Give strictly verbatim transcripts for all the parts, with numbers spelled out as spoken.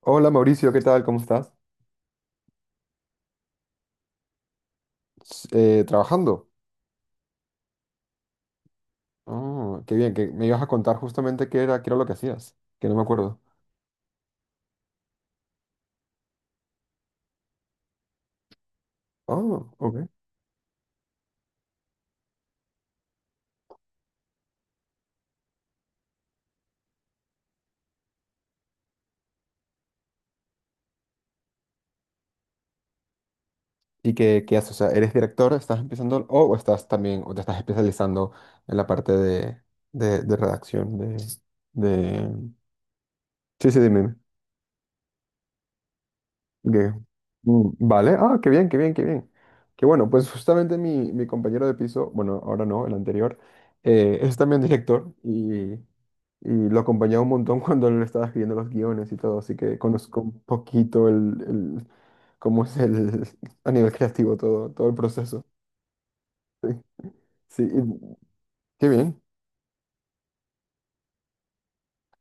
Hola Mauricio, ¿qué tal? ¿Cómo estás? S- eh, ¿trabajando? Oh, qué bien, que me ibas a contar justamente qué era, qué era lo que hacías, que no me acuerdo. Oh, ok. ¿Y qué, qué haces? O sea, ¿eres director? ¿Estás empezando? O o estás también, o te estás especializando en la parte de, de, de redacción, de, de... Sí, sí, dime. Dime. Ok. Mm, vale, ah, qué bien, qué bien, qué bien. Qué bueno, pues justamente mi, mi compañero de piso, bueno, ahora no, el anterior, eh, es también director y. Y lo acompañaba un montón cuando él estaba escribiendo los guiones y todo, así que conozco un poquito el, el- cómo es el, a nivel creativo todo, todo el proceso. Sí, sí, y qué bien.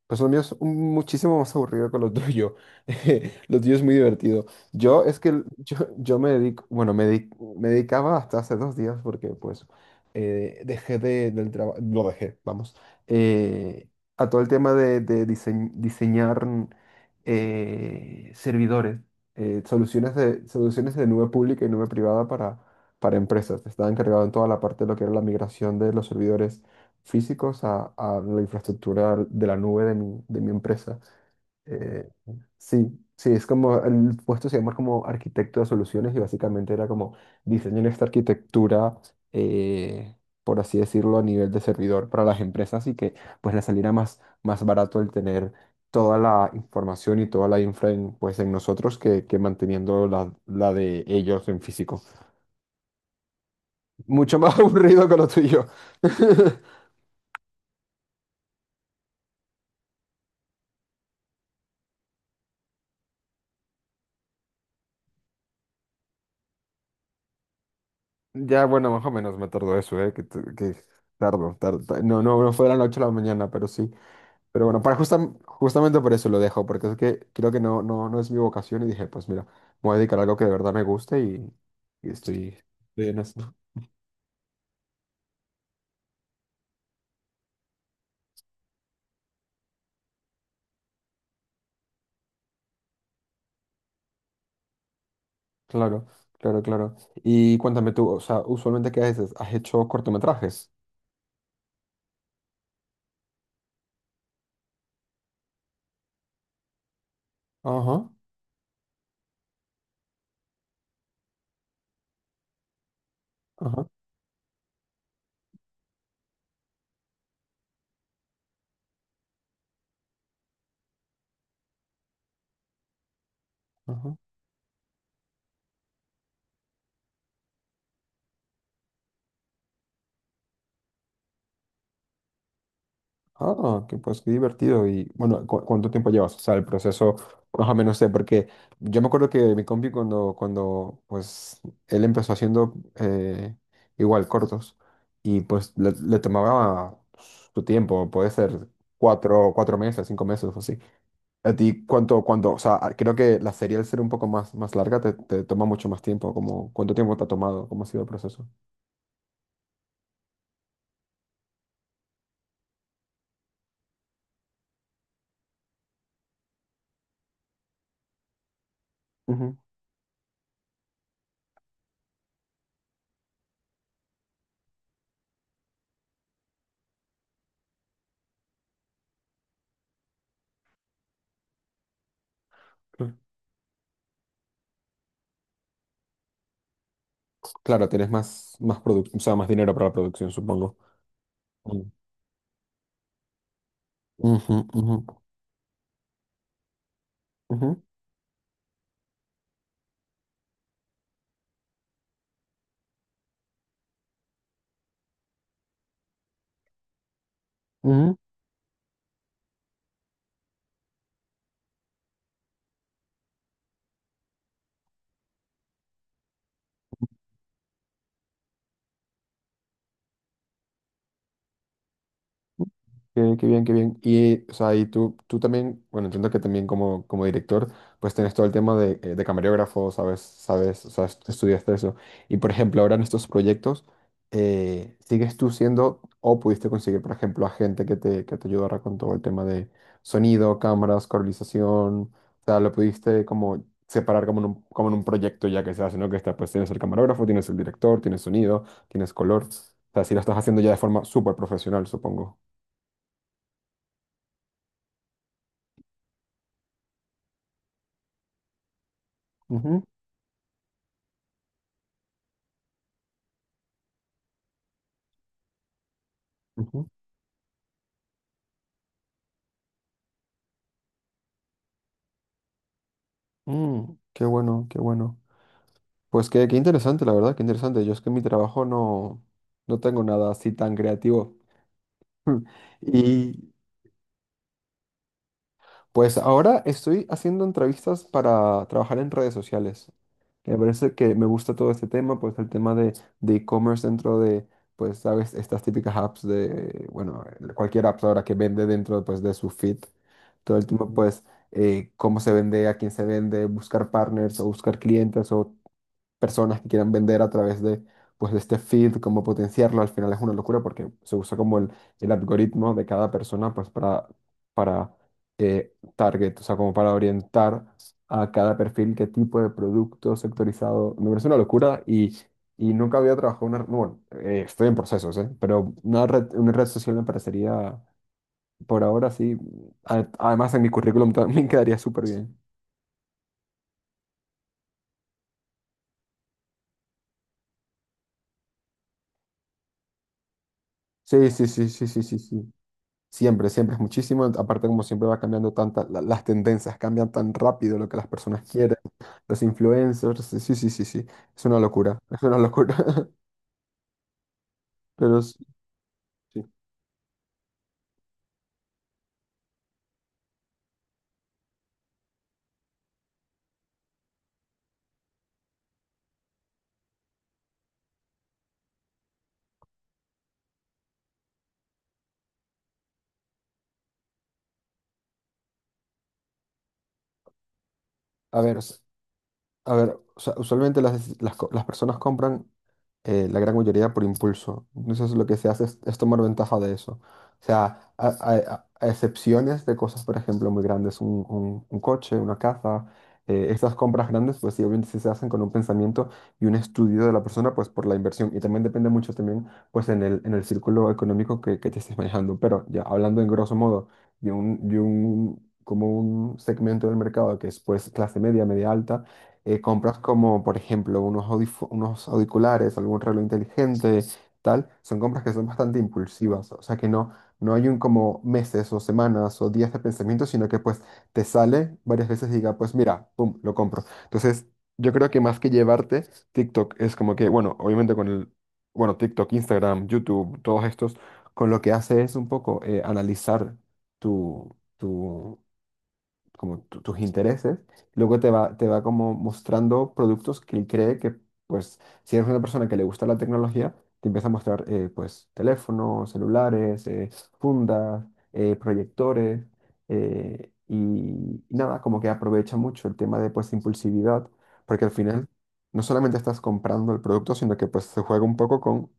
Pues lo mío es un- muchísimo más aburrido que lo tuyo. Lo tuyo es muy divertido. Yo es que el- yo, yo me dedico, bueno, me, di- me dedicaba hasta hace dos días porque pues eh, dejé de, del trabajo, lo dejé, vamos, eh, a todo el tema de, de diseñ- diseñar eh, servidores, eh, soluciones de, soluciones de nube pública y nube privada para, para empresas. Estaba encargado en toda la parte de lo que era la migración de los servidores físicos a, a la infraestructura de la nube de mi, de mi empresa. Eh, sí, sí, es como, el puesto se llama como arquitecto de soluciones y básicamente era como diseñar esta arquitectura, eh, por así decirlo, a nivel de servidor para las empresas y que pues les saliera más, más barato el tener toda la información y toda la infra en, pues en nosotros que, que manteniendo la, la de ellos en físico. Mucho más aburrido que lo tuyo. Ya, bueno, más o menos me tardó eso, ¿eh? Que, t- que tardo, tardo, ta- No, no, no fue a las ocho de la noche a la mañana, pero sí. Pero bueno, para justam- justamente por eso lo dejo, porque es que creo que no, no, no es mi vocación y dije, pues mira, me voy a dedicar a algo que de verdad me guste y, y estoy, estoy en eso. Claro, claro, claro. Y cuéntame tú, o sea, usualmente ¿qué haces? ¿Has hecho cortometrajes? Ajá, ajá, ajá. Ah, que pues qué divertido. Y bueno, ¿cu- cuánto tiempo llevas? O sea, el proceso, más o menos sé, porque yo me acuerdo que mi compi cuando, cuando pues él empezó haciendo eh, igual cortos y pues le, le tomaba su tiempo, puede ser cuatro, cuatro meses, cinco meses o así. ¿A ti cuánto, cuánto? O sea, creo que la serie al ser un poco más, más larga te, te toma mucho más tiempo. Como, ¿cuánto tiempo te ha tomado? ¿Cómo ha sido el proceso? Ujú, claro. Claro, tienes más, más produc- o sea, más dinero para la producción, supongo. Mm. Ujú, ujú, ujú, ujú. Qué, qué bien, qué bien. Y, o sea, y tú, tú también, bueno, entiendo que también como, como director, pues tienes todo el tema de, eh, de camarógrafo, sabes, sabes, o sea, est- estudiaste eso. Y, por ejemplo, ahora en estos proyectos, eh, ¿sigues tú siendo o pudiste conseguir, por ejemplo, a gente que te, que te ayudara con todo el tema de sonido, cámaras, colorización? O sea, lo pudiste como separar como en un, como en un proyecto ya que se hace, ¿no? Que está, pues tienes el camarógrafo, tienes el director, tienes sonido, tienes color. O sea, si lo estás haciendo ya de forma súper profesional, supongo. Ujú. Mm, qué bueno, qué bueno. Pues qué, qué interesante, la verdad, qué interesante. Yo es que en mi trabajo no, no tengo nada así tan creativo. Y pues ahora estoy haciendo entrevistas para trabajar en redes sociales. Me parece que me gusta todo este tema, pues el tema de de e-commerce dentro de, pues, sabes, estas típicas apps de, bueno, cualquier app ahora que vende dentro, pues, de su feed. Todo el tema, pues, eh, cómo se vende, a quién se vende, buscar partners o buscar clientes o personas que quieran vender a través de, pues, de este feed, cómo potenciarlo, al final es una locura porque se usa como el, el algoritmo de cada persona pues, para, para eh, target, o sea, como para orientar a cada perfil qué tipo de producto sectorizado. Me parece una locura y, y nunca había trabajado una... no, Bueno, eh, estoy en procesos, ¿eh? Pero una red, una red social me parecería, por ahora sí, a- además en mi currículum también quedaría súper bien. Sí, sí, sí, sí, sí, sí, sí. Siempre, siempre es muchísimo. Aparte, como siempre va cambiando tanta, la- las tendencias cambian tan rápido lo que las personas quieren, los influencers. Sí, sí, sí, sí. Sí. Es una locura. Es una locura. Pero sí. Sí. A ver, s- a ver, usa- usualmente las, las, co- las personas compran eh, la gran mayoría por impulso. Entonces lo que se hace es, es tomar ventaja de eso. O sea, a, a- a excepciones de cosas, por ejemplo, muy grandes, un, un- un coche, una casa, eh, estas compras grandes, pues sí, obviamente sí se hacen con un pensamiento y un estudio de la persona, pues por la inversión. Y también depende mucho también, pues en el, en el círculo económico que, que te estés manejando. Pero ya hablando en grosso modo de un, de un, como un segmento del mercado que es pues clase media, media alta eh, compras como, por ejemplo, unos audif- unos auriculares, algún reloj inteligente, tal, son compras que son bastante impulsivas, o sea que no, no hay un como meses o semanas o días de pensamiento, sino que pues te sale varias veces y diga, pues mira, pum, lo compro. Entonces, yo creo que más que llevarte, TikTok es como que, bueno, obviamente con el, bueno, TikTok, Instagram, YouTube, todos estos, con lo que hace es un poco eh, analizar tu... tu como tu- tus intereses, luego te va, te va como mostrando productos que él cree que, pues, si eres una persona que le gusta la tecnología, te empieza a mostrar, eh, pues, teléfonos, celulares, eh, fundas, eh, proyectores, eh, y, y nada, como que aprovecha mucho el tema de, pues, impulsividad, porque al final no solamente estás comprando el producto, sino que, pues, se juega un poco con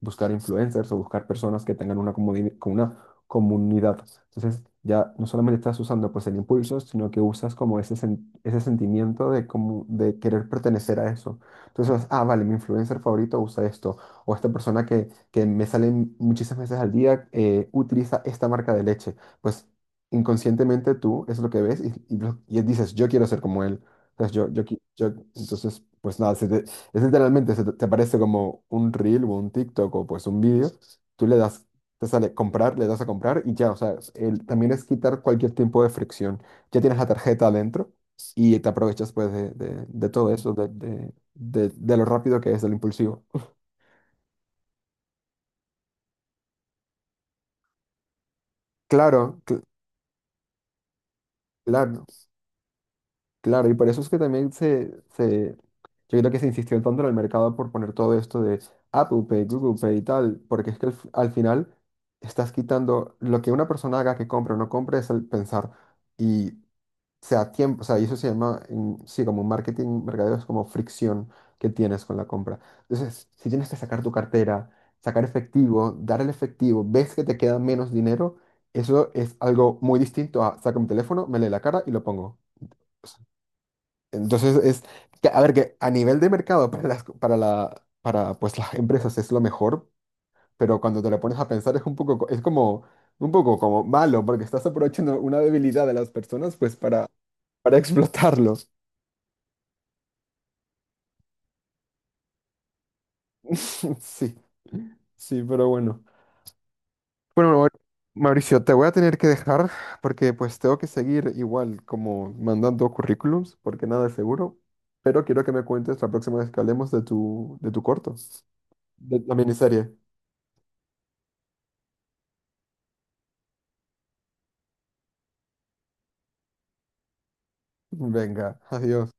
buscar influencers o buscar personas que tengan una, comuni- con una comunidad. Entonces, ya no solamente estás usando pues el impulso, sino que usas como ese, sen- ese sentimiento de, como, de querer pertenecer a eso. Entonces, ah, vale, mi influencer favorito usa esto, o esta persona que, que me sale muchísimas veces al día eh, utiliza esta marca de leche. Pues inconscientemente tú es lo que ves y, y, lo- y dices, yo quiero ser como él. Entonces, yo, yo, qui- yo, entonces, pues nada, se, es literalmente, se te te aparece como un reel o un TikTok o pues un vídeo, tú le das, te sale comprar, le das a comprar y ya, o sea, es- el- también es quitar cualquier tipo de fricción. Ya tienes la tarjeta adentro y te aprovechas pues de, de- de todo eso, de, de, de- de lo rápido que es, del impulsivo. Claro, cl- claro. Claro, y por eso es que también se, se, yo creo que se insistió tanto en el mercado por poner todo esto de Apple Pay, Google Pay y tal, porque es que al, fi- al final estás quitando lo que una persona haga que compre o no compre es el pensar y sea tiempo, o sea, y eso se llama, en- sí, como marketing, mercadeo es como fricción que tienes con la compra. Entonces, si tienes que sacar tu cartera, sacar efectivo, dar el efectivo, ves que te queda menos dinero, eso es algo muy distinto a saca mi teléfono, me lee la cara y lo pongo. Entonces es, que- a ver, que a nivel de mercado para las, para la, para pues las empresas es lo mejor, pero cuando te lo pones a pensar es un poco, co- es como, un poco como malo, porque estás aprovechando una debilidad de las personas pues para, para explotarlos. Sí, sí, pero bueno. Bueno, Mau- Mauricio, te voy a tener que dejar porque pues tengo que seguir igual como mandando currículums, porque nada es seguro, pero quiero que me cuentes la próxima vez que hablemos de tu, de tu corto, de la miniserie. Venga, adiós.